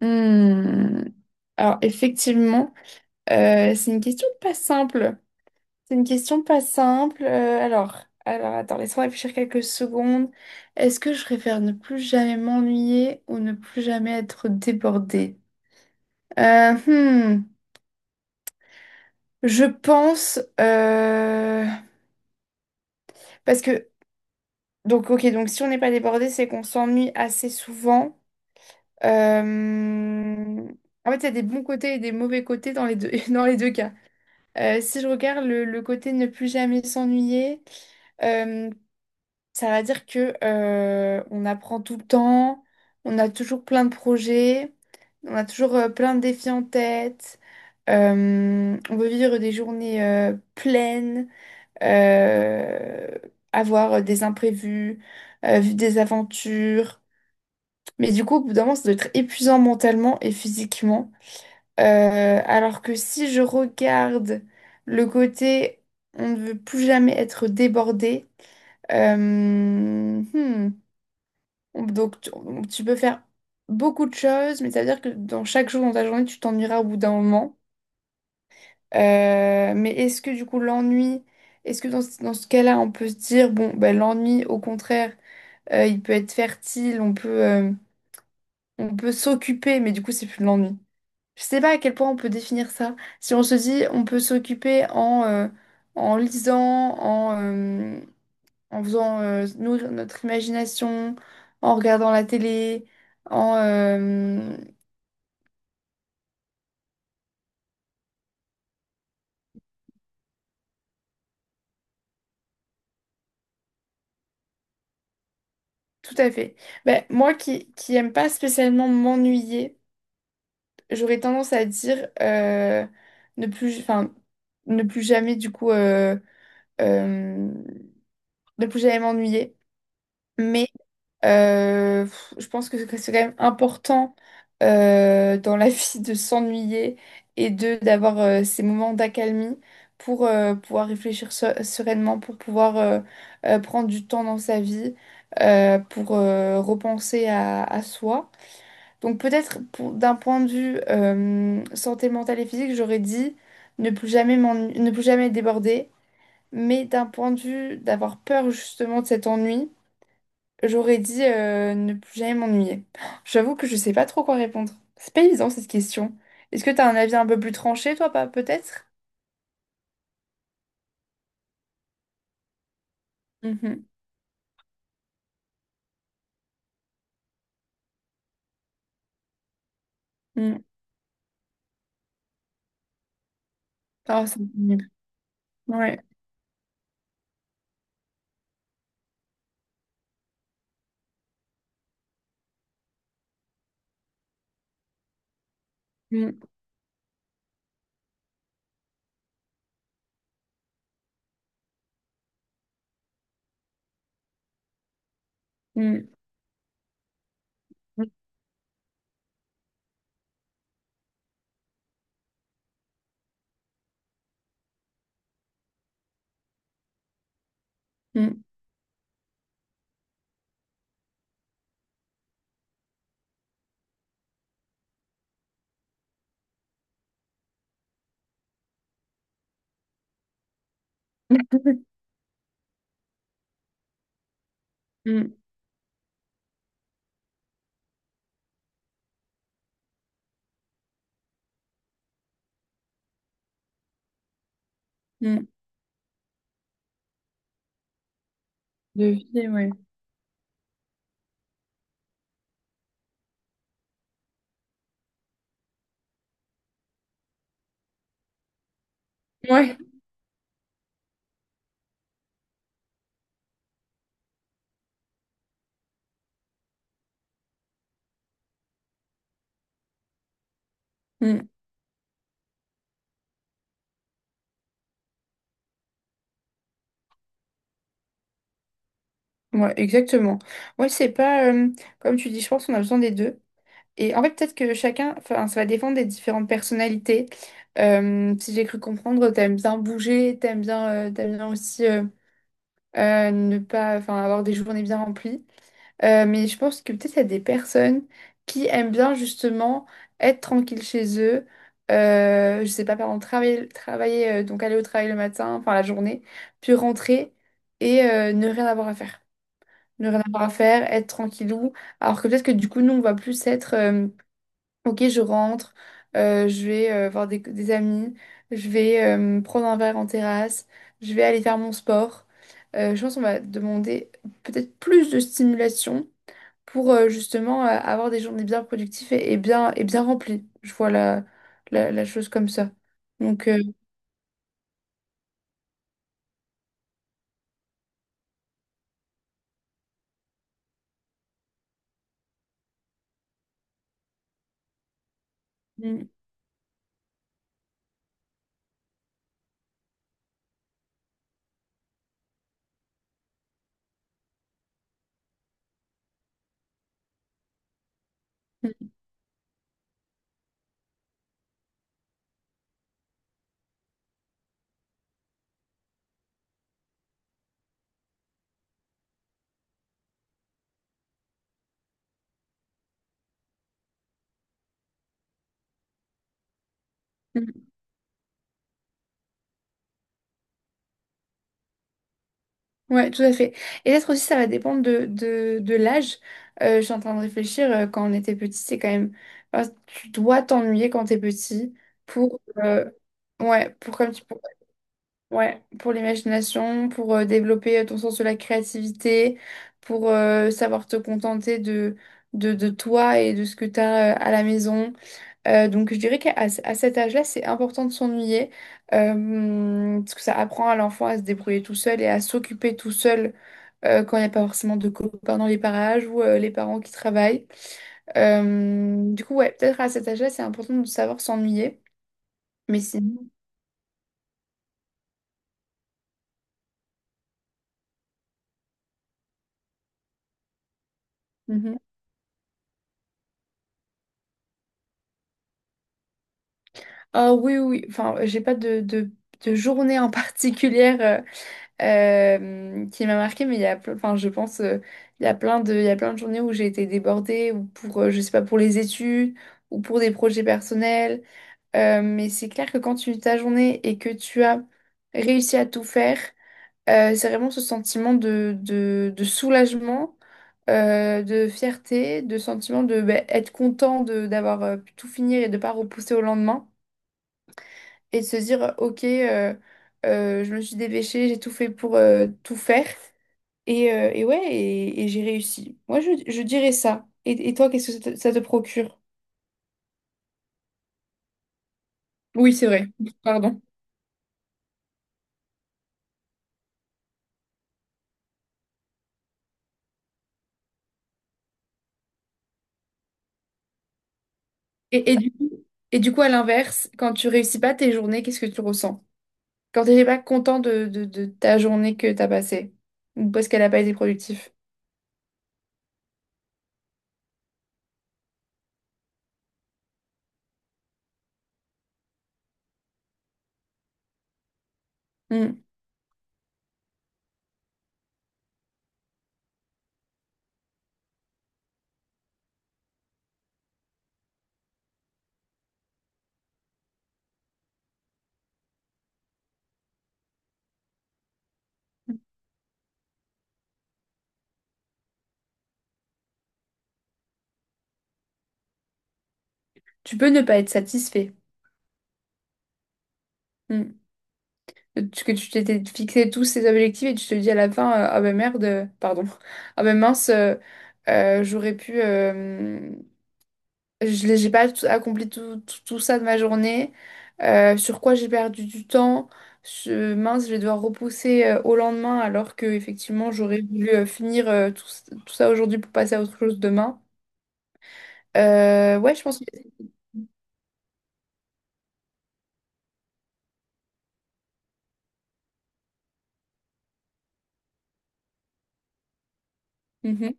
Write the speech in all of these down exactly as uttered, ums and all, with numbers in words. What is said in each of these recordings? Hmm. Alors effectivement, euh, c'est une question pas simple. C'est une question pas simple. Euh, alors, alors attends, laisse-moi réfléchir quelques secondes. Est-ce que je préfère ne plus jamais m'ennuyer ou ne plus jamais être débordée? Euh, hmm, je pense euh, parce que donc ok, donc si on n'est pas débordé c'est qu'on s'ennuie assez souvent. Euh, En fait il y a des bons côtés et des mauvais côtés dans les deux dans les deux cas. Euh, si je regarde le, le côté ne plus jamais s'ennuyer, euh, ça va dire que euh, on apprend tout le temps, on a toujours plein de projets, on a toujours euh, plein de défis en tête, euh, on veut vivre des journées euh, pleines, euh, avoir des imprévus, euh, vivre des aventures. Mais du coup, au bout d'un moment, ça doit être épuisant mentalement et physiquement. Euh, alors que si je regarde le côté on ne veut plus jamais être débordé, euh, hmm, donc tu, tu peux faire beaucoup de choses, mais ça veut dire que dans chaque jour dans ta journée, tu t'ennuieras au bout d'un moment. Euh, mais est-ce que du coup l'ennui, est-ce que dans, ce dans ce cas-là, on peut se dire, bon, ben, l'ennui, au contraire, euh, il peut être fertile, on peut, euh, on peut s'occuper, mais du coup, c'est plus de l'ennui. Je sais pas à quel point on peut définir ça. Si on se dit, on peut s'occuper en, euh, en lisant, en, euh, en faisant euh, nourrir notre imagination, en regardant la télé, en... euh, tout à fait. Ben, moi qui, qui aime pas spécialement m'ennuyer, j'aurais tendance à dire euh, ne plus, enfin, ne plus jamais du coup... euh, euh, ne plus jamais m'ennuyer. Mais Euh, pff, je pense que c'est quand même important euh, dans la vie de s'ennuyer et de d'avoir euh, ces moments d'accalmie pour euh, pouvoir réfléchir se- sereinement, pour pouvoir euh, euh, prendre du temps dans sa vie, euh, pour euh, repenser à, à soi. Donc peut-être pour- d'un point de vue euh, santé mentale et physique, j'aurais dit ne plus jamais m'ennu- ne plus jamais déborder, mais d'un point de vue d'avoir peur justement de cet ennui. J'aurais dit euh, ne plus jamais m'ennuyer. J'avoue que je sais pas trop quoi répondre. C'est pas évident cette question. Est-ce que t'as un avis un peu plus tranché, toi, pas peut-être? Mhm. Mm. Ah, c'est pénible. Ouais. Mm. Mm. Mm. Mm. Mm. Mm. De vie, ouais. Ouais. Mm. Ouais, exactement. Ouais, c'est pas euh, comme tu dis, je pense qu'on a besoin des deux. Et en fait, peut-être que chacun, enfin, ça va dépendre des différentes personnalités. Euh, si j'ai cru comprendre, t'aimes bien bouger, t'aimes bien, euh, t'aimes bien aussi, euh, euh, ne pas, enfin, avoir des journées bien remplies. Euh, mais je pense que peut-être il y a des personnes qui aiment bien justement être tranquille chez eux. Euh, je sais pas, par exemple, travailler, travailler, euh, donc aller au travail le matin, enfin la journée, puis rentrer et euh, ne rien avoir à faire. Ne rien avoir à faire, être tranquillou. Alors que peut-être que du coup, nous, on va plus être euh, ok, je rentre, euh, je vais euh, voir des, des amis, je vais euh, me prendre un verre en terrasse, je vais aller faire mon sport. Euh, je pense qu'on va demander peut-être plus de stimulation pour euh, justement euh, avoir des journées bien productives et, et bien, et bien remplies. Je vois la, la, la chose comme ça. Donc, euh, mm. Mm. Mm. Ouais, tout à fait. Et peut-être aussi, ça va dépendre de, de, de l'âge. Euh, je suis en train de réfléchir, euh, quand on était petit, c'est quand même… enfin, tu dois t'ennuyer quand t'es petit pour… euh, ouais, pour comme tu… pour- ouais, pour l'imagination, pour euh, développer euh, ton sens de la créativité, pour euh, savoir te contenter de, de, de toi et de ce que t'as euh, à la maison. Euh, donc je dirais qu'à à ce- à cet âge-là, c'est important de s'ennuyer, euh, parce que ça apprend à l'enfant à se débrouiller tout seul et à s'occuper tout seul euh, quand il n'y a pas forcément de copains dans les parages ou euh, les parents qui travaillent. Euh, du coup, ouais, peut-être à cet âge-là, c'est important de savoir s'ennuyer. Mais sinon. Mhm. Ah oui, oui, oui. Enfin, j'ai pas de, de, de journée en particulière euh, euh, qui m'a marquée, mais il y a, ple- enfin, je pense, euh, il y a plein de, il y a plein de journées où j'ai été débordée, ou pour, euh, je sais pas, pour les études, ou pour des projets personnels. Euh, mais c'est clair que quand tu ta journée et que tu as réussi à tout faire, Euh, c'est vraiment ce sentiment de, de, de soulagement, euh, de fierté, de sentiment de ben, être content de d'avoir euh, pu tout finir et de pas repousser au lendemain. Et de se dire, euh, ok, euh, euh, je me suis dépêchée, j'ai tout fait pour euh, tout faire. Et, euh, et ouais, et, et j'ai réussi. Moi, je, je dirais ça. Et, et toi, qu'est-ce que ça te, ça te procure? Oui, c'est vrai. Pardon. Et, et, du, et du coup, à l'inverse, quand tu réussis pas tes journées, qu'est-ce que tu ressens? Quand t'es pas content de, de, de ta journée que t'as passée, ou parce qu'elle n'a pas été productive. Mm. Tu peux ne pas être satisfait. Mm. Tu- Que tu t'étais fixé tous ces objectifs et tu te dis à la fin, euh, ah ben merde, euh, pardon, ah ben mince, euh, euh, j'aurais pu, euh, je l'ai- j'ai pas tout- accompli tout, tout, tout ça de ma journée, Euh, sur quoi j'ai perdu du temps. Je- mince, je vais devoir repousser euh, au lendemain alors que effectivement j'aurais voulu euh, finir euh, tout, tout ça aujourd'hui pour passer à autre chose demain. Euh, ouais, je pense que… Mhm.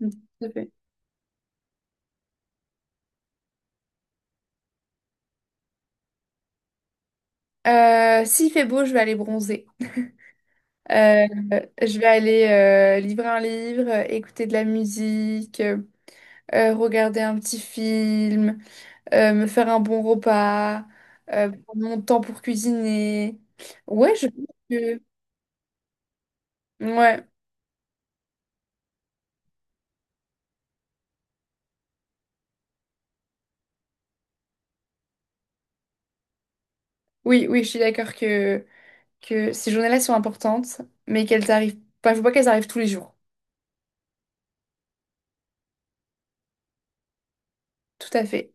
Mhm, tout à fait. Euh, s'il fait beau, je vais aller bronzer. Euh, je vais aller euh, livrer un livre, euh, écouter de la musique, euh, euh, regarder un petit film, euh, me faire un bon repas, euh, prendre mon temps pour cuisiner. Ouais, je pense que… Ouais, oui, oui, je suis d'accord que, que ces journées-là sont importantes, mais qu'elles arrivent… Enfin, faut pas qu'elles arrivent tous les jours. Tout à fait.